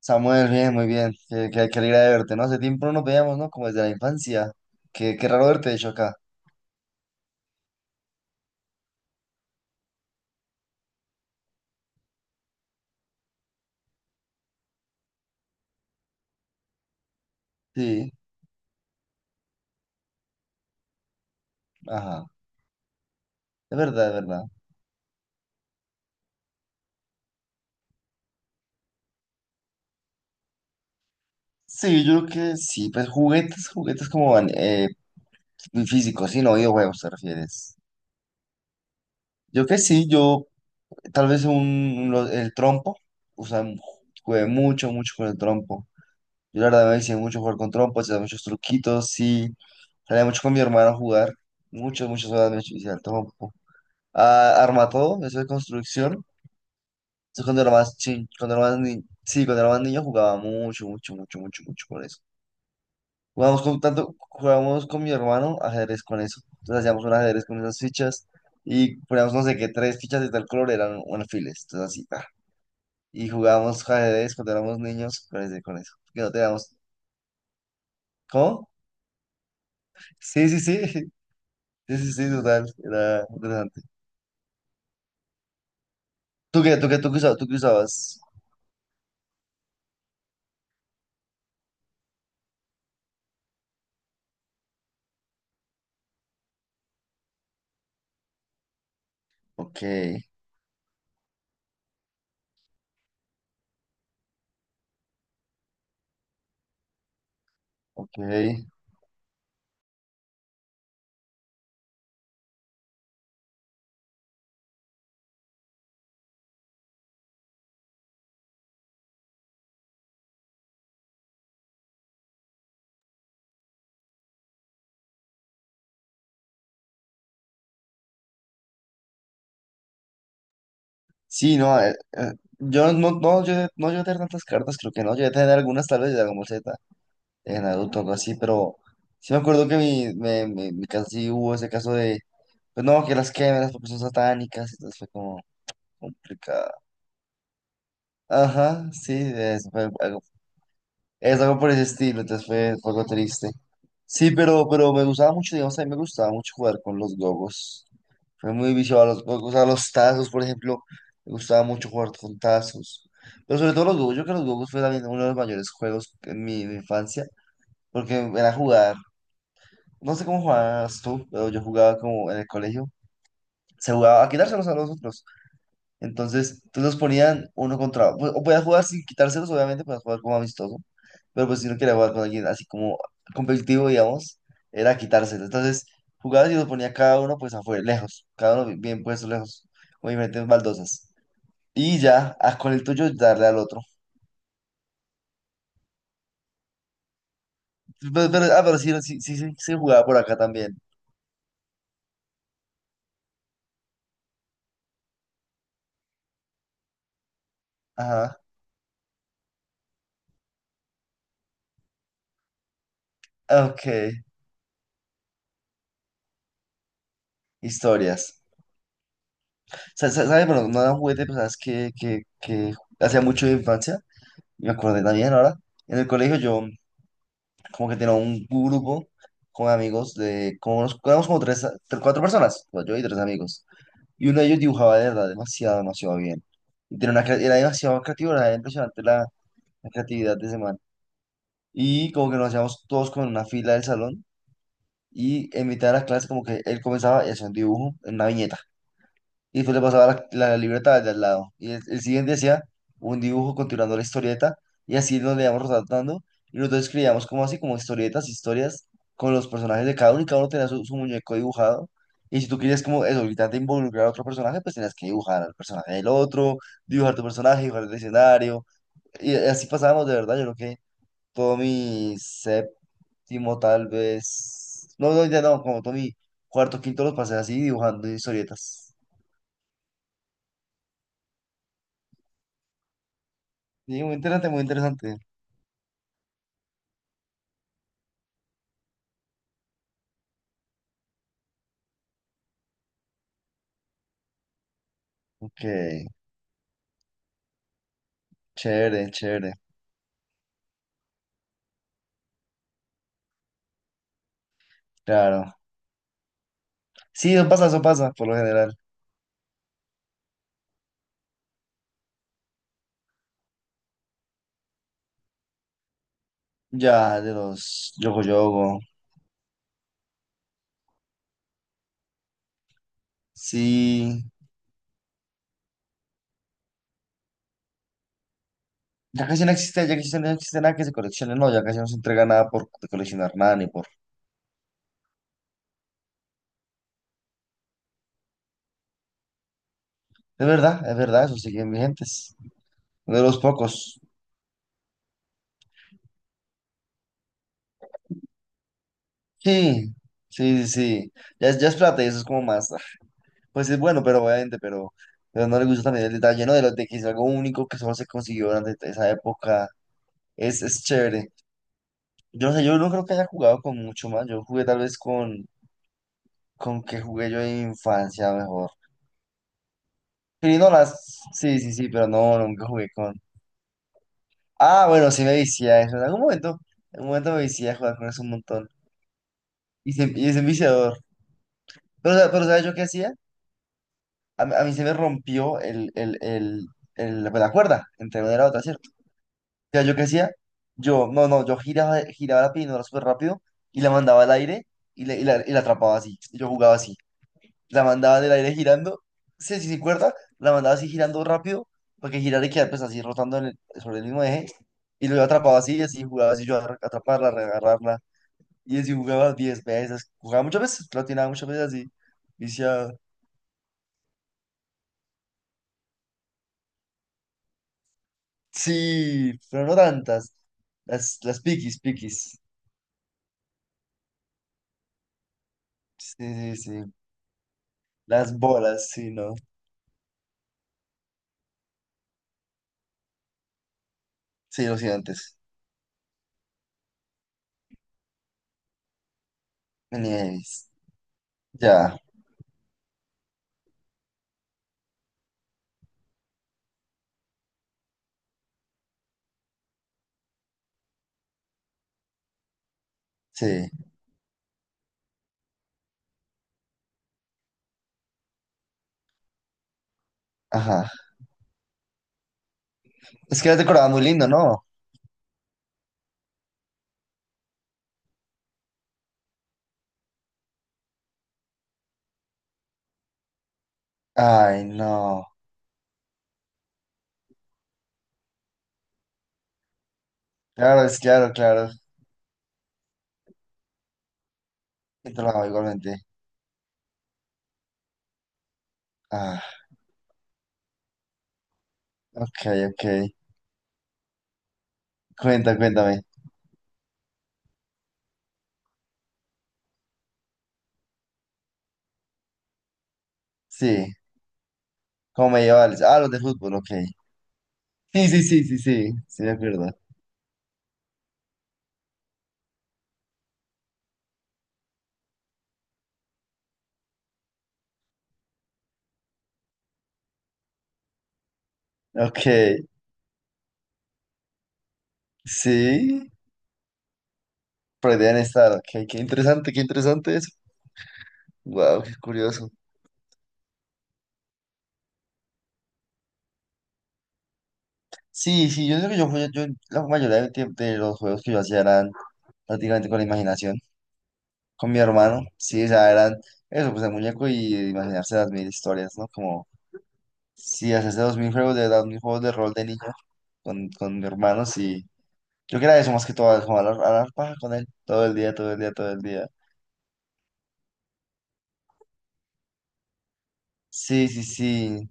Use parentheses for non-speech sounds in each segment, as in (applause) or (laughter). Samuel, bien, muy bien. Qué alegría de verte, ¿no? Hace tiempo no nos veíamos, ¿no? Como desde la infancia. Qué raro verte, de hecho, acá. Sí, ajá. Es verdad, es verdad. Sí, yo creo que sí, pues juguetes como van, físicos, sí, no videojuegos, ¿te refieres? Yo que sí, yo tal vez el trompo, o sea, jugué mucho, mucho con el trompo. Yo la verdad me hice mucho jugar con trompo, hacía muchos truquitos, sí. Salía mucho con mi hermano a jugar, muchas, muchas horas me hice al trompo. Armatodo, eso de construcción. Eso cuando era más chin, cuando era más ni- sí, cuando era más niño jugaba mucho, mucho, mucho, mucho, mucho con eso. Jugábamos con mi hermano ajedrez con eso. Entonces hacíamos un ajedrez con esas fichas y poníamos no sé qué, tres fichas de tal color eran un alfiles. Entonces así, ta. Y jugábamos ajedrez cuando éramos niños con con eso. Que no teníamos. ¿Cómo? Sí, sí, sí. (laughs) Sí, sí, sí, total. Era interesante. ¿Tú qué usabas? ¿Tú qué usabas? Ok, ok. Sí, no, yo no llegué a tener tantas cartas, creo que no, llegué a tener algunas tal vez de Dragon Ball Z, de Naruto, algo así, pero sí me acuerdo que me casi hubo ese caso de, pues no, que las quemas porque son satánicas, entonces fue como complicado. Ajá, sí, es algo por ese estilo, entonces fue algo triste. Sí, pero me gustaba mucho, digamos, a mí me gustaba mucho jugar con los gogos. Fue muy viciado a los gogos, a los tazos, por ejemplo. Me gustaba mucho jugar con tazos. Pero sobre todo los gogos, yo creo que los gogos fue también uno de los mayores juegos en mi infancia, porque era jugar, no sé cómo jugabas tú, pero yo jugaba como en el colegio. Se jugaba a quitárselos a los otros. Entonces nos ponían uno contra, pues, o podías jugar sin quitárselos, obviamente, podías jugar como amistoso, pero pues si no quería jugar con alguien así como competitivo, digamos, era quitárselo. Entonces, jugabas y los ponía cada uno pues afuera, lejos, cada uno bien puesto lejos, con diferentes baldosas. Y ya, ah, con el tuyo darle al otro. Pero sí, sí, sí, sí, sí jugaba por acá también. Ajá, ok, historias. ¿Sabes? Bueno, no era un juguete, pero sabes que hacía mucho de infancia, y me acordé también ahora. En el colegio yo como que tenía un grupo con amigos de, como nos, éramos como cuatro personas, pues, yo y tres amigos. Y uno de ellos dibujaba de verdad demasiado, demasiado bien. Y tenía era demasiado creativo, era impresionante la creatividad de ese man. Y como que nos hacíamos todos como en una fila del salón y en mitad de la clase como que él comenzaba y hacía un dibujo en una viñeta. Y después le pasaba la libreta al de al lado. Y el siguiente hacía un dibujo continuando la historieta. Y así nos le íbamos rotando. Y nosotros escribíamos como así, como historietas, historias con los personajes de cada uno. Y cada uno tenía su muñeco dibujado. Y si tú querías como eso, ahorita te involucrar a otro personaje, pues tenías que dibujar al personaje del otro, dibujar tu personaje, dibujar el escenario. Y así pasábamos de verdad. Yo creo que todo mi séptimo, tal vez. No, no, ya no, como todo mi cuarto, quinto los pasé así dibujando historietas. Sí, muy interesante, muy interesante. Ok, chévere, chévere, claro. Sí, eso pasa, por lo general. Ya, de los Yogo Yogo. Sí, ya casi no existe, ya casi no existe nada que se coleccione, no, ya casi no se entrega nada por coleccionar nada, ni por... es verdad, eso siguen vigentes. De los pocos. Sí, sí, sí, sí. Ya es plata y eso es como más... ah, pues es bueno, pero obviamente, pero... Pero no le gusta también el detalle, ¿no? De, lo, de que es algo único que solo se consiguió durante esa época. Es chévere. Yo no sé, yo no creo que haya jugado con mucho más. Yo jugué tal vez con, que jugué yo en infancia mejor. Pirinolas, sí, sí, sí, pero no, no, nunca jugué con. Ah, bueno, sí me vicié a eso. En algún momento me vicié a jugar con eso un montón. Y es un viciador. Pero ¿sabes yo qué hacía? A mí se me rompió pues, la cuerda entre una y la otra, ¿cierto? O sea, ¿yo qué hacía? Yo, no, no, yo giraba, la pirinola súper rápido y la mandaba al aire y la atrapaba así. Y yo jugaba así. La mandaba en el aire girando, sí, sí, sí, cuerda, la mandaba así girando rápido, para que girara y quedara pues así rotando en el- sobre el mismo eje, y lo atrapaba así, y así jugaba así yo a atraparla, a reagarrarla, y así jugaba 10 veces, jugaba muchas veces, platinaba muchas veces así, viciado. Sí, pero no tantas, las piquis, piquis, sí, sí, sí, las bolas, sí, no, sí, los gigantes, Nieves. Ya, sí, ajá, es que las decoraba muy lindo, ¿no? Ay, no. Claro, es claro, claro. He trabajado igualmente. Ah, ok, ok. Cuenta, cuéntame. Sí, ¿cómo me lleva? Ah, los de fútbol, ok. Sí, sí, sí, sí, sí, sí, me acuerdo. Ok, sí, pero deben estar, ok. Qué interesante eso. Wow, qué curioso. Sí, sí, yo creo que yo, la mayoría del tiempo de los juegos que yo hacía eran prácticamente con la imaginación, con mi hermano. Sí, o sea, eran eso, pues el muñeco y imaginarse las mil historias, ¿no? Como sí, hace 2.000 juegos de edad, 1.000 juegos de rol de niño con mi hermano, sí. Yo creo que era eso más que todo, jugar a la paja con él todo el día, todo el día, todo el día. Sí, sí, sí.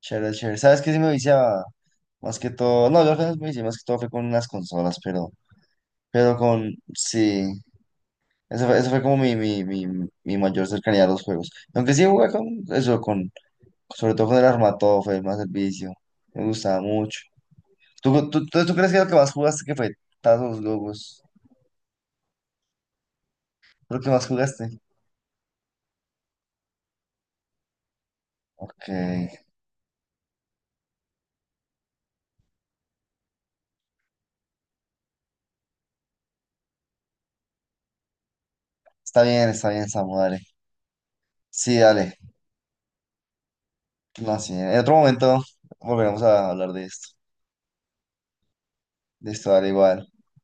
Chévere, chévere. ¿Sabes qué? Sí me viciaba. Más que todo. No, yo apenas me vicié, más que todo fue con unas consolas, pero. Pero con. Sí. Eso fue como mi mayor cercanía a los juegos. Aunque sí jugué con eso, con. Sobre todo con el Armatov, fue más el vicio. Me gustaba mucho. ¿Tú crees que lo que más jugaste que fue Tazos Lobos? Creo que más jugaste. Ok. Está bien, Samu, dale. Sí, dale. No, sí. En otro momento volveremos a hablar de esto. De esto, dale igual.